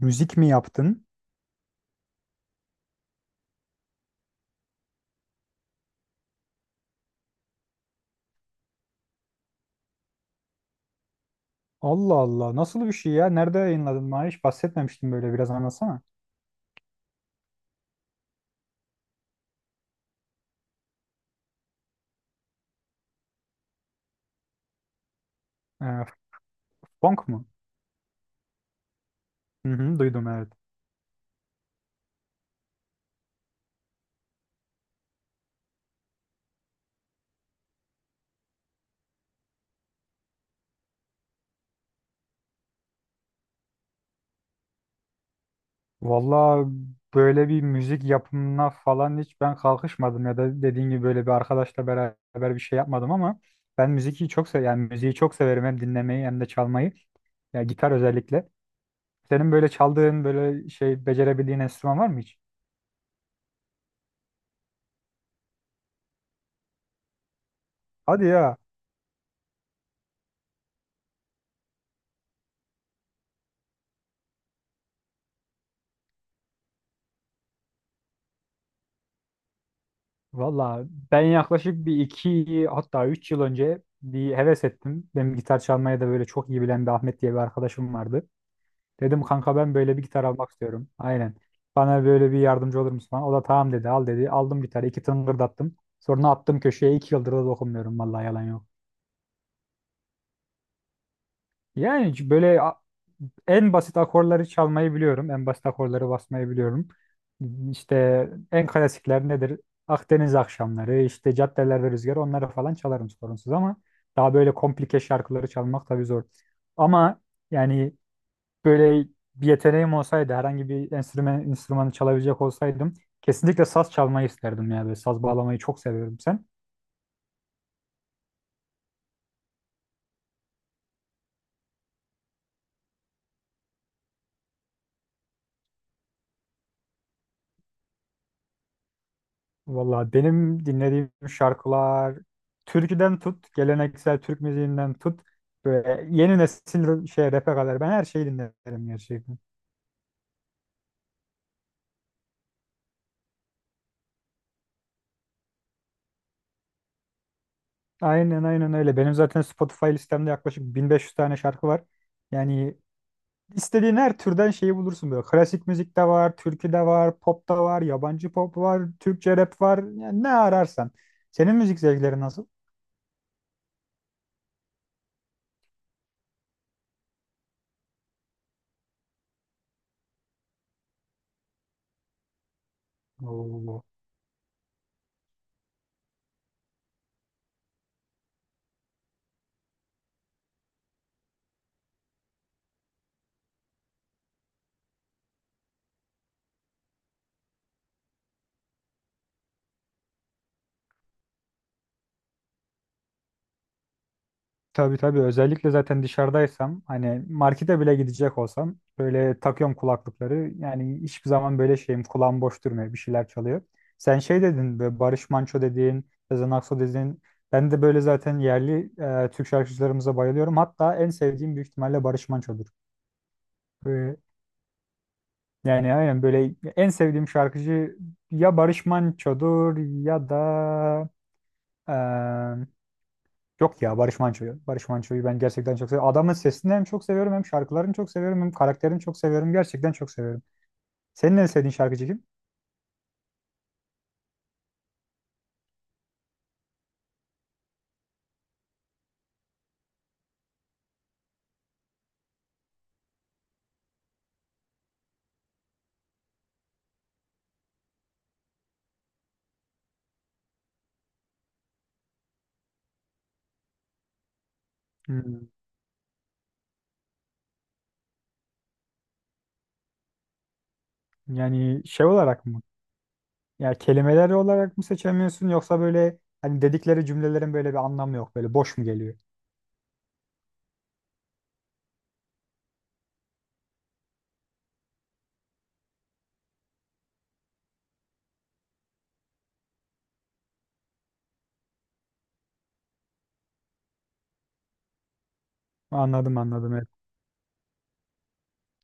Müzik mi yaptın? Allah Allah. Nasıl bir şey ya? Nerede yayınladın? Bana hiç bahsetmemiştin böyle. Biraz anlatsana. Ee, funk mu? Hı hı, duydum evet. Valla böyle bir müzik yapımına falan hiç ben kalkışmadım ya da dediğin gibi böyle bir arkadaşla beraber bir şey yapmadım ama ben müziği çok sev yani müziği çok severim hem dinlemeyi hem de çalmayı. Ya gitar özellikle. Senin böyle çaldığın böyle şey becerebildiğin enstrüman var mı hiç? Hadi ya. Valla ben yaklaşık bir iki hatta üç yıl önce bir heves ettim. Benim gitar çalmaya da böyle çok iyi bilen bir Ahmet diye bir arkadaşım vardı. Dedim kanka ben böyle bir gitar almak istiyorum. Aynen. Bana böyle bir yardımcı olur musun falan. O da tamam dedi al dedi. Aldım gitarı iki tıngırdattım. Sonra attım köşeye iki yıldır da dokunmuyorum vallahi yalan yok. Yani c- böyle a- en basit akorları çalmayı biliyorum. En basit akorları basmayı biliyorum. İşte en klasikler nedir? Akdeniz akşamları, işte caddelerde rüzgar onları falan çalarım sorunsuz ama daha böyle komplike şarkıları çalmak tabii zor. Ama yani böyle bir yeteneğim olsaydı, herhangi bir enstrüman, enstrümanı çalabilecek olsaydım kesinlikle saz çalmayı isterdim ya. Böyle saz bağlamayı çok seviyorum sen. Valla benim dinlediğim şarkılar türküden tut, geleneksel Türk müziğinden tut böyle yeni nesil şey rap'e kadar ben her şeyi dinlerim gerçekten. Aynen aynen öyle. Benim zaten Spotify listemde yaklaşık 1500 tane şarkı var. Yani istediğin her türden şeyi bulursun böyle. Klasik müzik de var, türkü de var, pop da var, yabancı pop var, Türkçe rap var. Yani ne ararsan. Senin müzik zevklerin nasıl? Oo. Tabii tabii özellikle zaten dışarıdaysam hani markete bile gidecek olsam böyle takıyorum kulaklıkları. Yani hiçbir zaman böyle şeyim kulağım boş durmuyor bir şeyler çalıyor. Sen şey dedin böyle Barış Manço dediğin, Sezen Aksu dediğin ben de böyle zaten yerli Türk şarkıcılarımıza bayılıyorum. Hatta en sevdiğim büyük ihtimalle Barış Manço'dur. Böyle, yani aynen böyle en sevdiğim şarkıcı ya Barış Manço'dur ya da yok ya Barış Manço'yu. Barış Manço'yu ben gerçekten çok seviyorum. Adamın sesini hem çok seviyorum hem şarkılarını çok seviyorum hem karakterini çok seviyorum. Gerçekten çok seviyorum. Senin en sevdiğin şarkıcı kim? Hmm. Yani şey olarak mı? Ya kelimeleri olarak mı seçemiyorsun yoksa böyle hani dedikleri cümlelerin böyle bir anlamı yok. Böyle boş mu geliyor? Anladım anladım.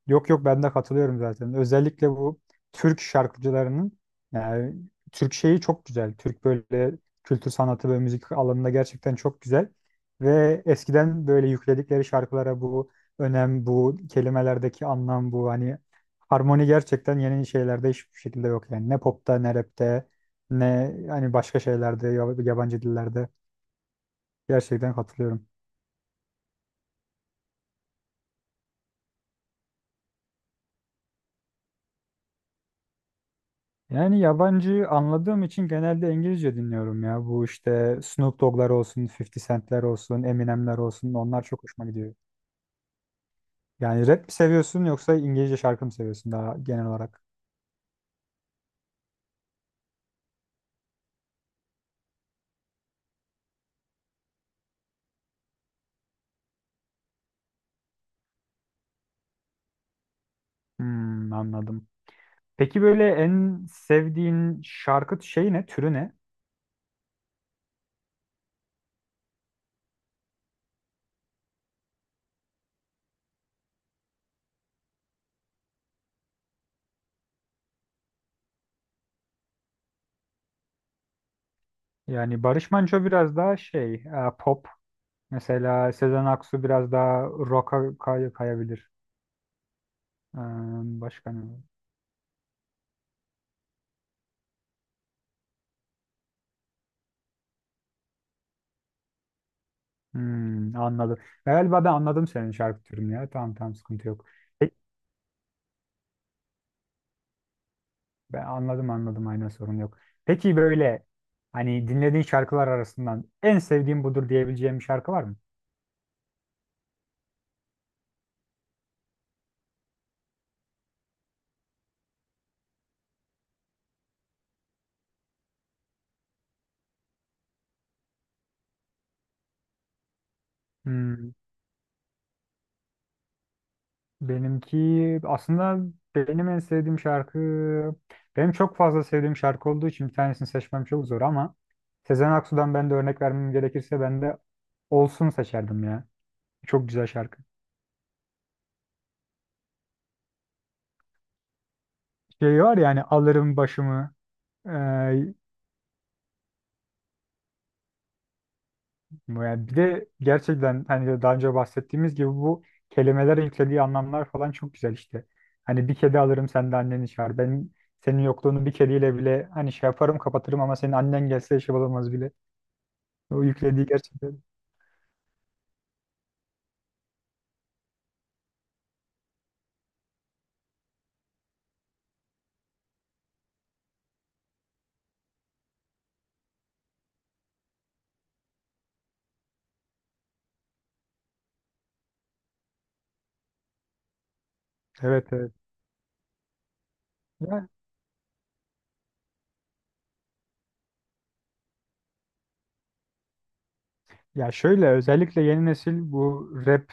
Yok yok ben de katılıyorum zaten. Özellikle bu Türk şarkıcılarının yani Türk şeyi çok güzel. Türk böyle kültür sanatı ve müzik alanında gerçekten çok güzel. Ve eskiden böyle yükledikleri şarkılara bu önem, bu kelimelerdeki anlam, bu hani harmoni gerçekten yeni şeylerde hiçbir şekilde yok yani. Ne popta, ne rapte, ne hani başka şeylerde, yab- yabancı dillerde. Gerçekten katılıyorum. Yani yabancı anladığım için genelde İngilizce dinliyorum ya. Bu işte Snoop Dogg'lar olsun, 50 Cent'ler olsun, Eminem'ler olsun onlar çok hoşuma gidiyor. Yani rap mi seviyorsun yoksa İngilizce şarkı mı seviyorsun daha genel olarak? Hmm, anladım. Peki böyle en sevdiğin şarkı şeyi ne, türü ne? Yani Barış Manço biraz daha şey, pop. Mesela Sezen Aksu biraz daha rock'a kay- kayabilir. Ee, Başka ne var? Hmm, anladım. Galiba ben anladım senin şarkı türünü ya. Tamam tamam sıkıntı yok. Peki, ben anladım anladım aynen sorun yok. Peki böyle hani dinlediğin şarkılar arasından en sevdiğim budur diyebileceğim bir şarkı var mı? Hmm, benimki aslında benim en sevdiğim şarkı benim çok fazla sevdiğim şarkı olduğu için bir tanesini seçmem çok zor ama Sezen Aksu'dan ben de örnek vermem gerekirse ben de Olsun seçerdim ya. Çok güzel şarkı. Şey var ya hani alırım başımı. Ee, yani bir de gerçekten hani daha önce bahsettiğimiz gibi bu kelimeler yüklediği anlamlar falan çok güzel işte. Hani bir kedi alırım sen de anneni çağır. Ben senin yokluğunu bir kediyle bile hani şey yaparım kapatırım ama senin annen gelse şey olamaz bile. O yüklediği gerçekten. Evet evet. Ya şöyle özellikle yeni nesil bu rap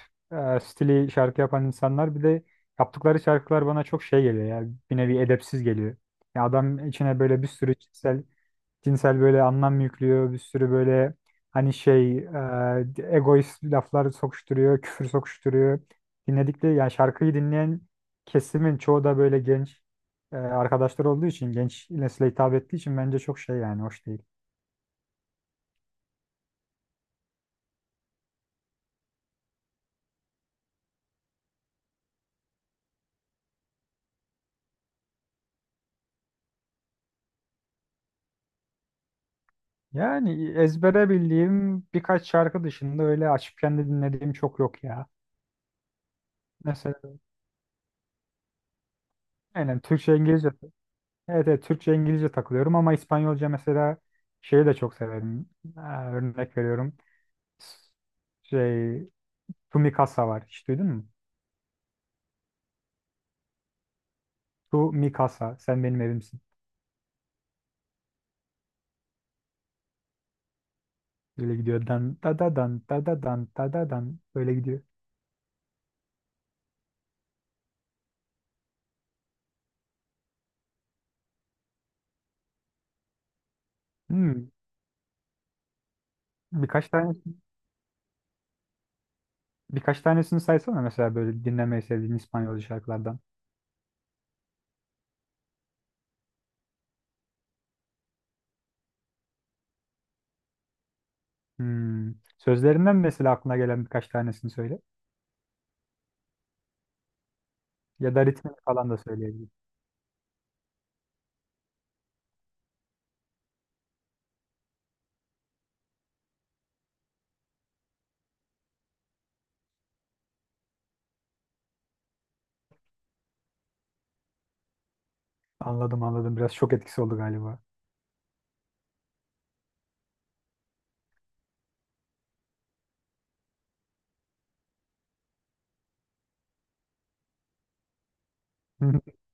stili şarkı yapan insanlar bir de yaptıkları şarkılar bana çok şey geliyor ya bir nevi edepsiz geliyor. Ya adam içine böyle bir sürü cinsel cinsel böyle anlam yüklüyor, bir sürü böyle hani şey egoist laflar sokuşturuyor, küfür sokuşturuyor. Dinledikleri yani şarkıyı dinleyen kesimin çoğu da böyle genç arkadaşlar olduğu için genç nesile hitap ettiği için bence çok şey yani hoş değil. Yani ezbere bildiğim birkaç şarkı dışında öyle açıp kendi dinlediğim çok yok ya. Mesela aynen Türkçe İngilizce evet, evet Türkçe İngilizce takılıyorum ama İspanyolca mesela şeyi de çok severim. Ha, örnek veriyorum. S- şey Tu Mi Casa var. Hiç duydun mu? Tu Mi Casa. Sen benim evimsin. Böyle gidiyor. Dan da da dan da da dan da da dan. Böyle gidiyor. Hmm. Birkaç tane birkaç tanesini saysana mesela böyle dinlemeyi sevdiğin İspanyolca şarkılardan. Hmm. Sözlerinden mesela aklına gelen birkaç tanesini söyle. Ya da ritmini falan da söyleyebilirim. Anladım anladım. Biraz şok etkisi oldu galiba.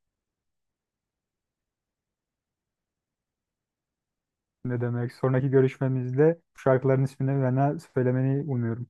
Ne demek? Sonraki görüşmemizde bu şarkıların ismini bana söylemeni umuyorum.